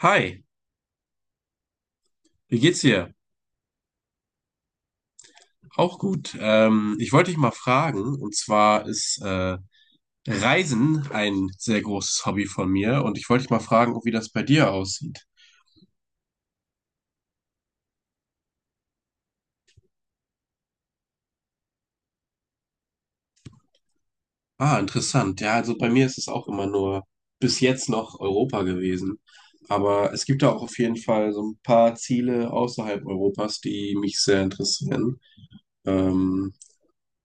Hi, wie geht's dir? Auch gut. Ich wollte dich mal fragen, und zwar ist Reisen ein sehr großes Hobby von mir, und ich wollte dich mal fragen, wie das bei dir aussieht. Ah, interessant. Ja, also bei mir ist es auch immer nur bis jetzt noch Europa gewesen. Aber es gibt da auch auf jeden Fall so ein paar Ziele außerhalb Europas, die mich sehr interessieren. Ähm,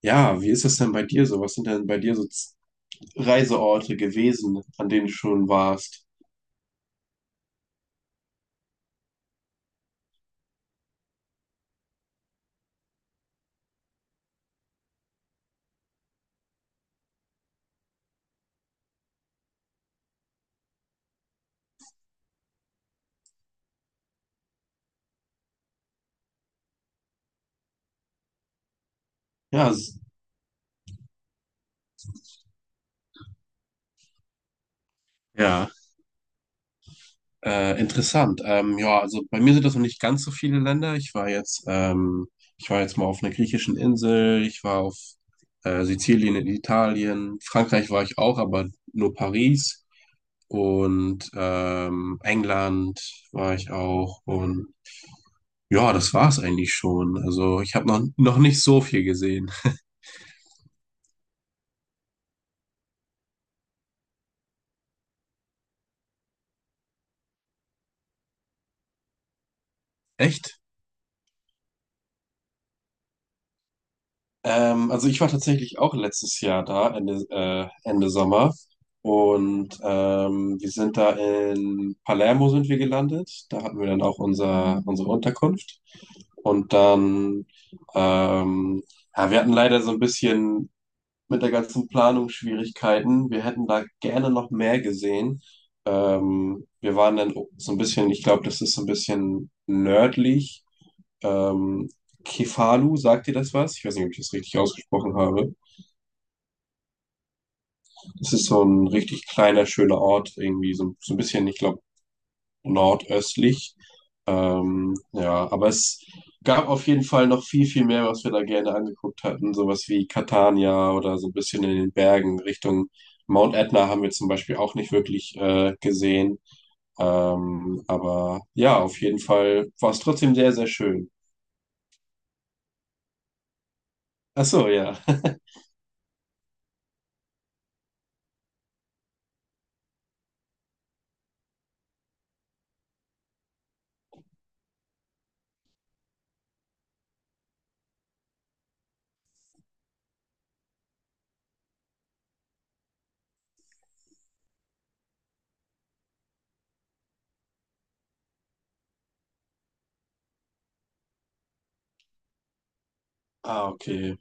ja, wie ist das denn bei dir so? Was sind denn bei dir so Reiseorte gewesen, an denen du schon warst? Ja, ja. Interessant. Ja, also bei mir sind das noch nicht ganz so viele Länder. Ich war jetzt mal auf einer griechischen Insel, ich war auf Sizilien in Italien, Frankreich war ich auch, aber nur Paris und England war ich auch und ja, das war's eigentlich schon. Also ich habe noch nicht so viel gesehen. Echt? Also ich war tatsächlich auch letztes Jahr da, Ende Sommer. Und wir sind da in Palermo sind wir gelandet. Da hatten wir dann auch unsere Unterkunft. Und dann, ähm, ja, wir hatten leider so ein bisschen mit der ganzen Planung Schwierigkeiten. Wir hätten da gerne noch mehr gesehen. Wir waren dann so ein bisschen, ich glaube, das ist so ein bisschen nördlich. Ähm, Kefalu, sagt dir das was? Ich weiß nicht, ob ich das richtig ausgesprochen habe. Es ist so ein richtig kleiner, schöner Ort, irgendwie so, so ein bisschen, ich glaube, nordöstlich. Ja, aber es gab auf jeden Fall noch viel, viel mehr, was wir da gerne angeguckt hatten. Sowas wie Catania oder so ein bisschen in den Bergen Richtung Mount Etna haben wir zum Beispiel auch nicht wirklich gesehen. Aber ja, auf jeden Fall war es trotzdem sehr, sehr schön. Ach so, ja. Ah, okay.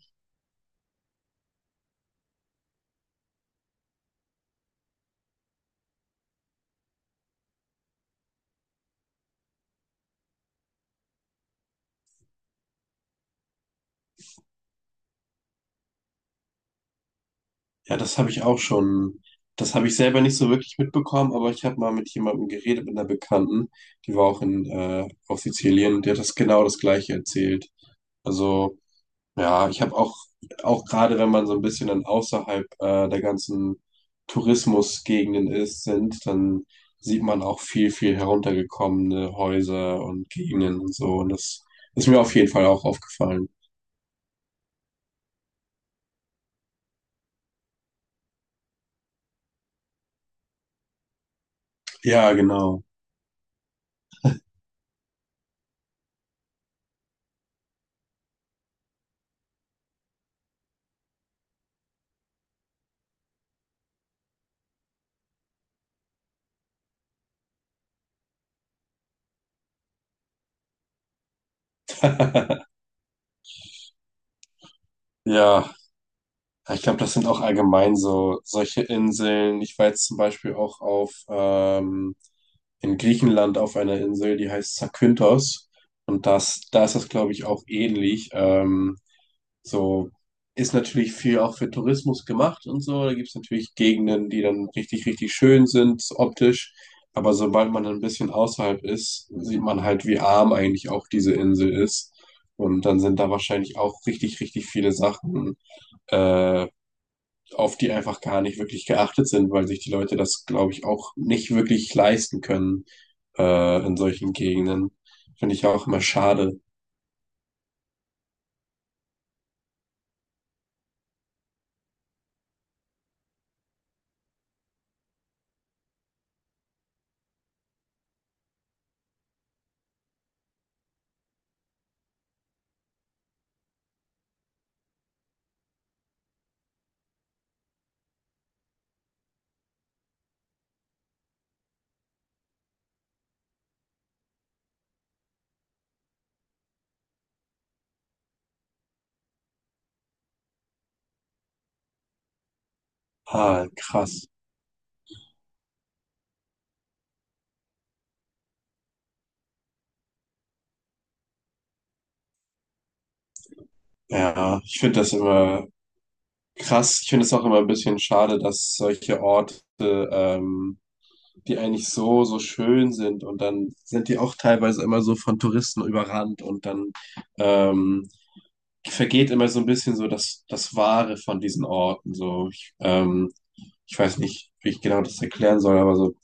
Ja, das habe ich auch schon. Das habe ich selber nicht so wirklich mitbekommen, aber ich habe mal mit jemandem geredet, mit einer Bekannten, die war auch auf Sizilien und die hat das genau das Gleiche erzählt. Also, ja, auch gerade wenn man so ein bisschen dann der ganzen Tourismusgegenden sind, dann sieht man auch viel, viel heruntergekommene Häuser und Gegenden und so. Und das ist mir auf jeden Fall auch aufgefallen. Ja, genau. Ja. Ich glaube, das sind auch allgemein so solche Inseln. Ich war jetzt zum Beispiel auch auf in Griechenland auf einer Insel, die heißt Zakynthos. Und das, da ist das, glaube ich, auch ähnlich. So ist natürlich viel auch für Tourismus gemacht und so. Da gibt es natürlich Gegenden, die dann richtig, richtig schön sind, optisch. Aber sobald man ein bisschen außerhalb ist, sieht man halt, wie arm eigentlich auch diese Insel ist. Und dann sind da wahrscheinlich auch richtig, richtig viele Sachen äh, auf die einfach gar nicht wirklich geachtet sind, weil sich die Leute das, glaube ich, auch nicht wirklich leisten können in solchen Gegenden. Finde ich auch immer schade. Ah, krass. Ja, ich finde das immer krass. Ich finde es auch immer ein bisschen schade, dass solche Orte, ähm, die eigentlich so, so schön sind und dann sind die auch teilweise immer so von Touristen überrannt und dann ähm, vergeht immer so ein bisschen so das Wahre von diesen Orten. Ich weiß nicht, wie ich genau das erklären soll, aber so,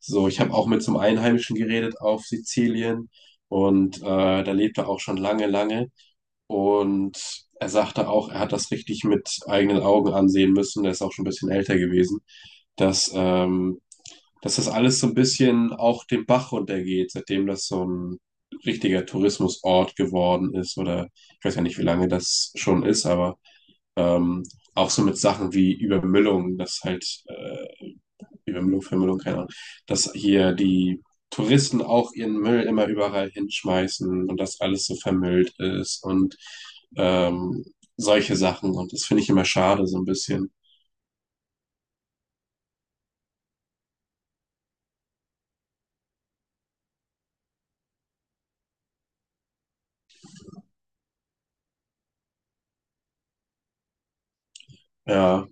so ich habe auch mit so einem Einheimischen geredet auf Sizilien und da lebt er auch schon lange, lange und er sagte auch, er hat das richtig mit eigenen Augen ansehen müssen, er ist auch schon ein bisschen älter gewesen, dass, ähm, dass das alles so ein bisschen auch den Bach runtergeht, seitdem das so ein richtiger Tourismusort geworden ist oder ich weiß ja nicht, wie lange das schon ist, aber ähm, auch so mit Sachen wie Übermüllung, dass halt wie Wimblow, Wimblow, keine Ahnung, dass hier die Touristen auch ihren Müll immer überall hinschmeißen und dass alles so vermüllt ist und ähm, solche Sachen. Und das finde ich immer schade, so ein bisschen. Ja.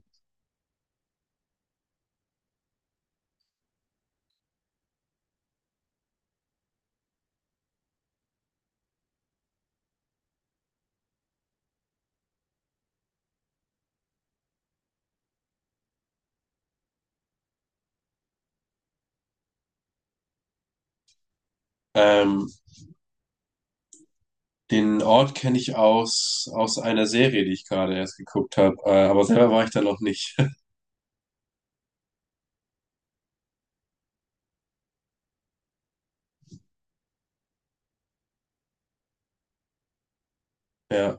Ähm, Den Ort kenne ich aus einer Serie, die ich gerade erst geguckt habe, aber selber war ich da noch nicht. Ja,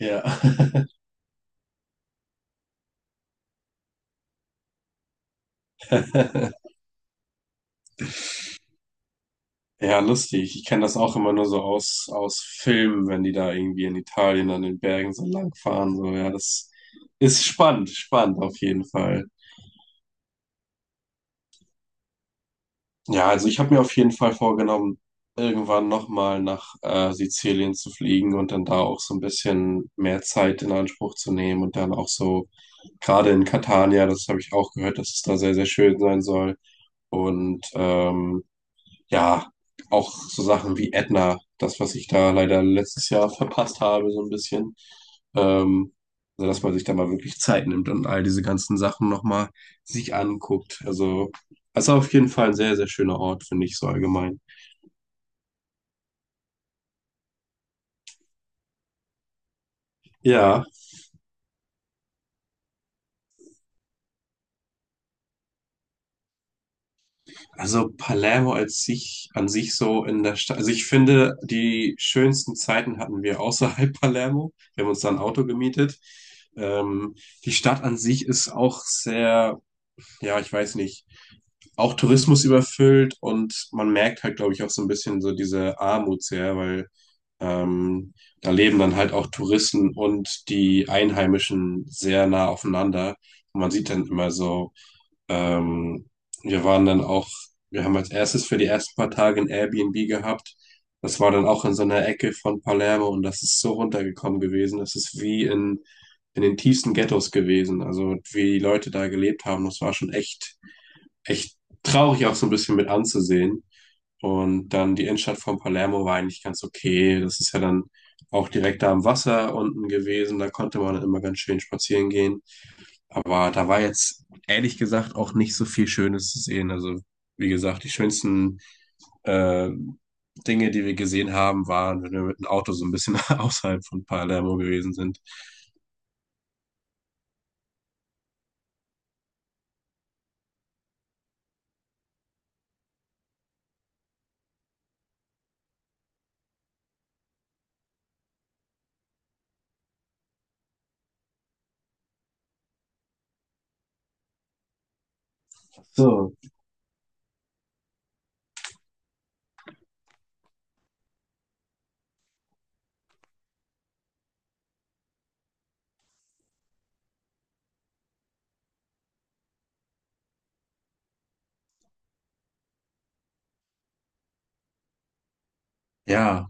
ja. Ja, lustig. Ich kenne das auch immer nur so aus Filmen, wenn die da irgendwie in Italien an den Bergen so lang fahren. So, ja, das ist spannend, spannend auf jeden Fall. Ja, also ich habe mir auf jeden Fall vorgenommen, irgendwann nochmal nach Sizilien zu fliegen und dann da auch so ein bisschen mehr Zeit in Anspruch zu nehmen und dann auch so, gerade in Catania, das habe ich auch gehört, dass es da sehr, sehr schön sein soll. Und ja, auch so Sachen wie Edna, das, was ich da leider letztes Jahr verpasst habe, so ein bisschen. Ähm, also, dass man sich da mal wirklich Zeit nimmt und all diese ganzen Sachen nochmal sich anguckt. Also, das ist auf jeden Fall ein sehr, sehr schöner Ort, finde ich so allgemein. Ja, also Palermo als sich, an sich so in der Stadt. Also ich finde, die schönsten Zeiten hatten wir außerhalb Palermo. Wir haben uns da ein Auto gemietet. Ähm, Die Stadt an sich ist auch sehr, ja, ich weiß nicht. Auch Tourismus überfüllt und man merkt halt, glaube ich, auch so ein bisschen so diese Armut sehr, weil ähm, da leben dann halt auch Touristen und die Einheimischen sehr nah aufeinander. Und man sieht dann immer so, ähm, wir waren dann auch, Wir haben als erstes für die ersten paar Tage ein Airbnb gehabt. Das war dann auch in so einer Ecke von Palermo und das ist so runtergekommen gewesen. Das ist wie in den tiefsten Ghettos gewesen. Also wie die Leute da gelebt haben, das war schon echt traurig auch so ein bisschen mit anzusehen. Und dann die Innenstadt von Palermo war eigentlich ganz okay. Das ist ja dann auch direkt da am Wasser unten gewesen. Da konnte man dann immer ganz schön spazieren gehen. Aber da war jetzt ehrlich gesagt auch nicht so viel Schönes zu sehen. Also wie gesagt, die schönsten äh, Dinge, die wir gesehen haben, waren, wenn wir mit dem Auto so ein bisschen außerhalb von Palermo gewesen sind. So, ja.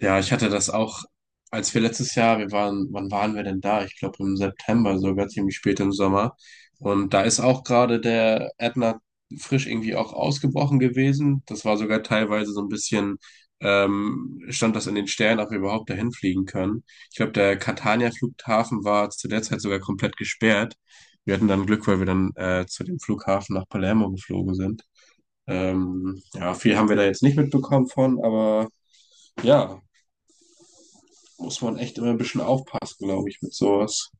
Ja, ich hatte das auch, als wir letztes Jahr, wir waren, wann waren wir denn da? Ich glaube im September sogar, ziemlich spät im Sommer. Und da ist auch gerade der Ätna frisch irgendwie auch ausgebrochen gewesen. Das war sogar teilweise so ein bisschen, stand das in den Sternen, ob wir überhaupt dahin fliegen können. Ich glaube, der Catania-Flughafen war zu der Zeit sogar komplett gesperrt. Wir hatten dann Glück, weil wir dann zu dem Flughafen nach Palermo geflogen sind. Ja, viel haben wir da jetzt nicht mitbekommen von, aber ja, muss man echt immer ein bisschen aufpassen, glaube ich, mit sowas.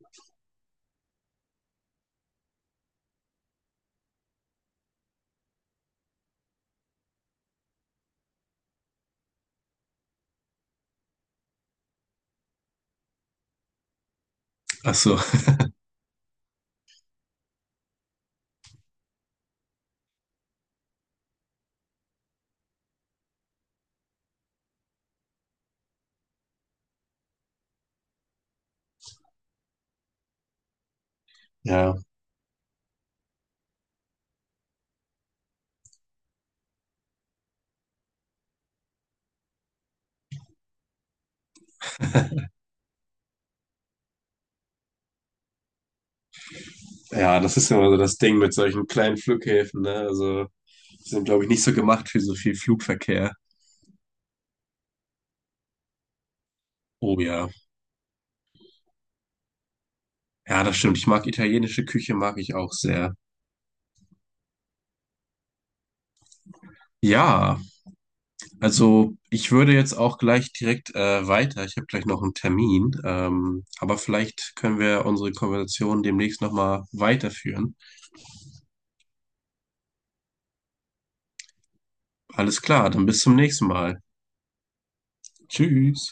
Ach so. Ja, ja, das ist ja immer so das Ding mit solchen kleinen Flughäfen, ne? Also, die sind, glaube ich, nicht so gemacht für so viel Flugverkehr. Oh ja. Ja, das stimmt. Ich mag italienische Küche, mag ich auch sehr. Ja, also ich würde jetzt auch gleich direkt weiter. Ich habe gleich noch einen Termin, aber vielleicht können wir unsere Konversation demnächst nochmal weiterführen. Alles klar, dann bis zum nächsten Mal. Tschüss.